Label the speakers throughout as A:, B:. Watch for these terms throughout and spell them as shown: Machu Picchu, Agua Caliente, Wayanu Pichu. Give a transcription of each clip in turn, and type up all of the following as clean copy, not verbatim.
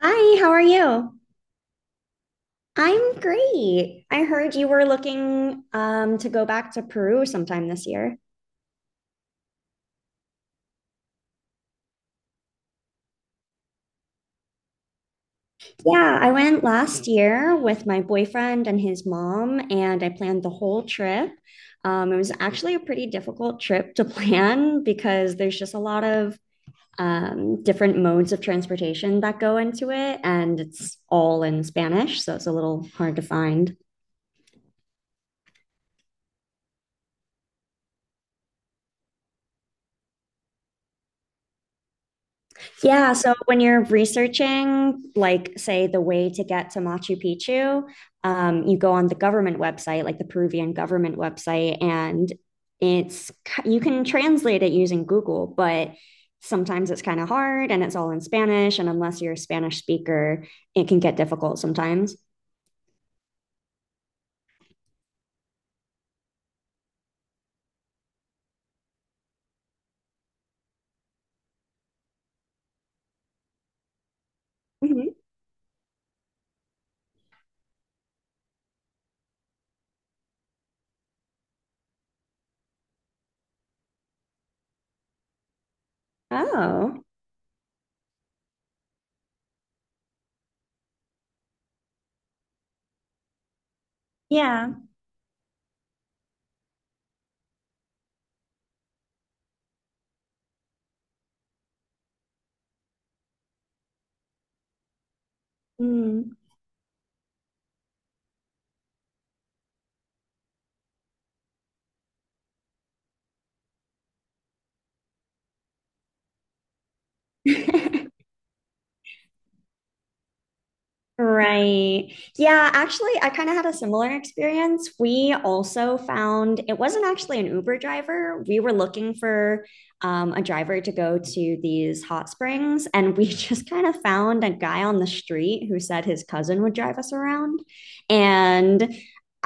A: Hi, how are you? I'm great. I heard you were looking to go back to Peru sometime this year. Yeah, I went last year with my boyfriend and his mom, and I planned the whole trip. It was actually a pretty difficult trip to plan because there's just a lot of different modes of transportation that go into it, and it's all in Spanish, so it's a little hard to find. Yeah, so when you're researching, like, say, the way to get to Machu Picchu, you go on the government website, like the Peruvian government website, and it's you can translate it using Google, but sometimes it's kind of hard and it's all in Spanish, and unless you're a Spanish speaker, it can get difficult sometimes. Mhm. Oh, yeah. Mm. Right. Yeah, actually, I kind of had a similar experience. We also found it wasn't actually an Uber driver. We were looking for a driver to go to these hot springs, and we just kind of found a guy on the street who said his cousin would drive us around. And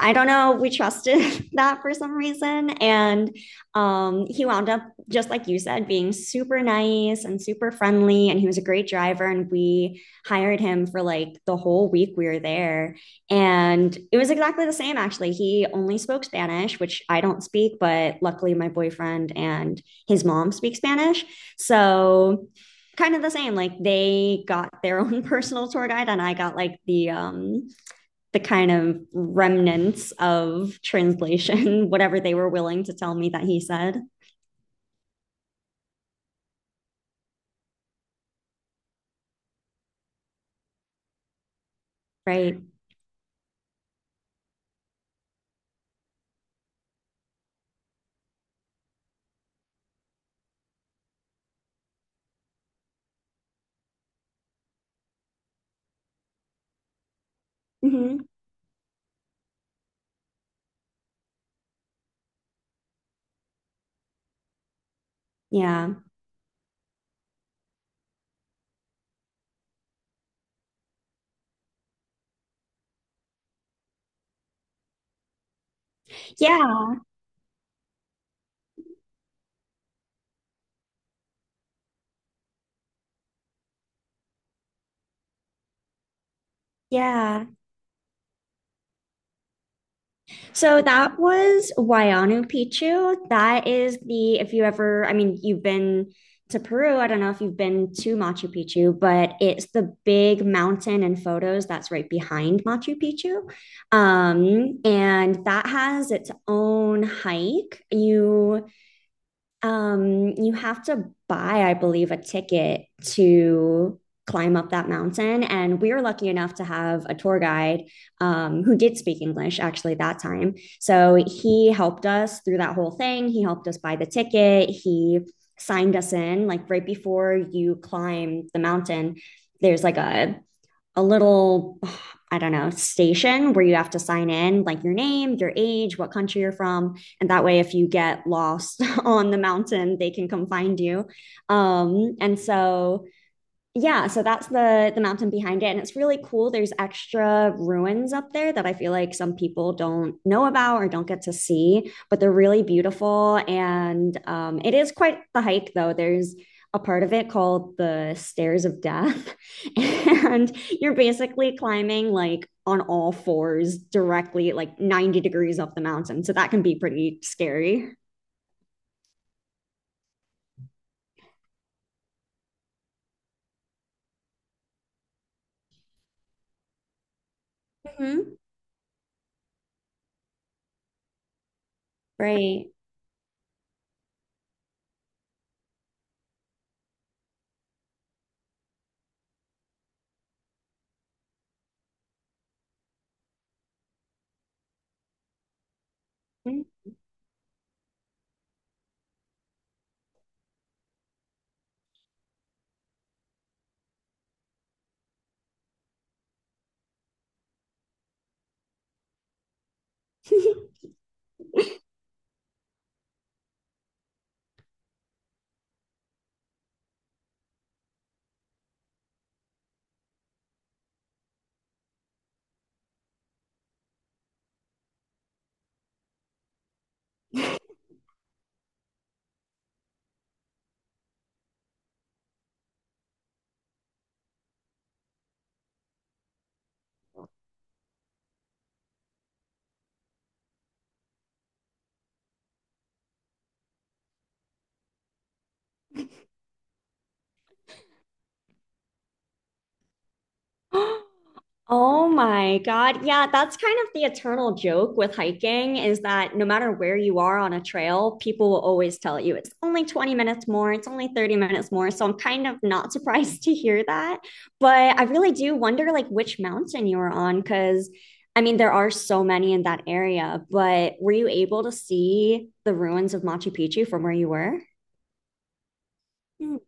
A: I don't know, we trusted that for some reason. And he wound up, just like you said, being super nice and super friendly, and he was a great driver, and we hired him for like the whole week we were there. And it was exactly the same, actually. He only spoke Spanish, which I don't speak, but luckily my boyfriend and his mom speak Spanish. So, kind of the same, like they got their own personal tour guide, and I got like the kind of remnants of translation, whatever they were willing to tell me that he said. Right. Mm-hmm. Yeah, yeah, yeah. So that was Wayanu Pichu. That is the, if you ever, I mean, you've been to Peru. I don't know if you've been to Machu Picchu, but it's the big mountain and photos that's right behind Machu Picchu. And that has its own hike. You have to buy, I believe, a ticket to climb up that mountain. And we were lucky enough to have a tour guide who did speak English actually that time. So he helped us through that whole thing. He helped us buy the ticket. He signed us in, like right before you climb the mountain. There's like a little, I don't know, station where you have to sign in like your name, your age, what country you're from. And that way, if you get lost on the mountain, they can come find you. And so Yeah, so that's the mountain behind it, and it's really cool. There's extra ruins up there that I feel like some people don't know about or don't get to see, but they're really beautiful. And it is quite the hike though. There's a part of it called the Stairs of Death, and you're basically climbing like on all fours, directly like 90 degrees up the mountain. So that can be pretty scary. Hmm. Right. Oh my God. Yeah, that's kind of the eternal joke with hiking, is that no matter where you are on a trail, people will always tell you it's only 20 minutes more, it's only 30 minutes more. So I'm kind of not surprised to hear that. But I really do wonder like which mountain you were on, because I mean there are so many in that area, but were you able to see the ruins of Machu Picchu from where you were? Mm.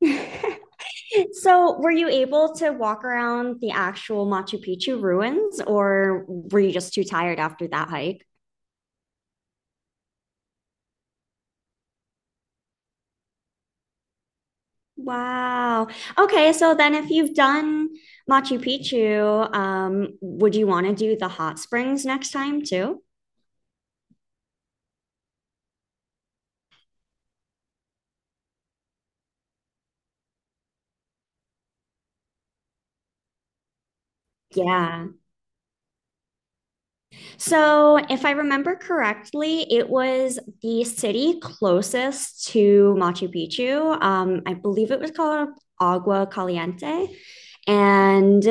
A: So, were you able to walk around the actual Machu Picchu ruins, or were you just too tired after that hike? Wow. Okay, so then if you've done Machu Picchu, would you want to do the hot springs next time too? Yeah. So, if I remember correctly, it was the city closest to Machu Picchu. I believe it was called Agua Caliente. And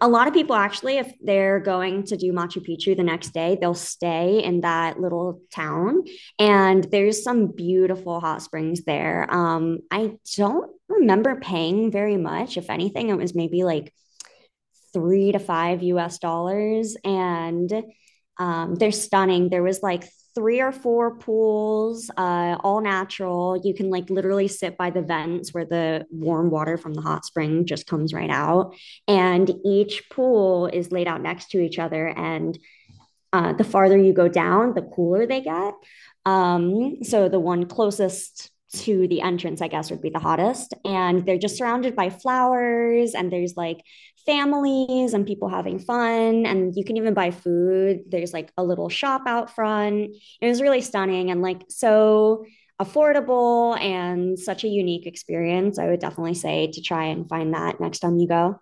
A: a lot of people actually, if they're going to do Machu Picchu the next day, they'll stay in that little town. And there's some beautiful hot springs there. I don't remember paying very much. If anything, it was maybe like three to five US dollars. And they're stunning. There was like three or four pools, all natural. You can like literally sit by the vents where the warm water from the hot spring just comes right out. And each pool is laid out next to each other. And the farther you go down, the cooler they get. So the one closest to the entrance, I guess, would be the hottest. And they're just surrounded by flowers, and there's like families and people having fun. And you can even buy food. There's like a little shop out front. It was really stunning and like so affordable and such a unique experience. I would definitely say to try and find that next time you go.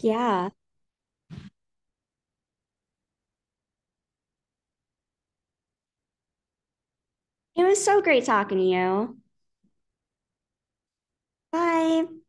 A: Yeah. It was so great talking to you. Bye.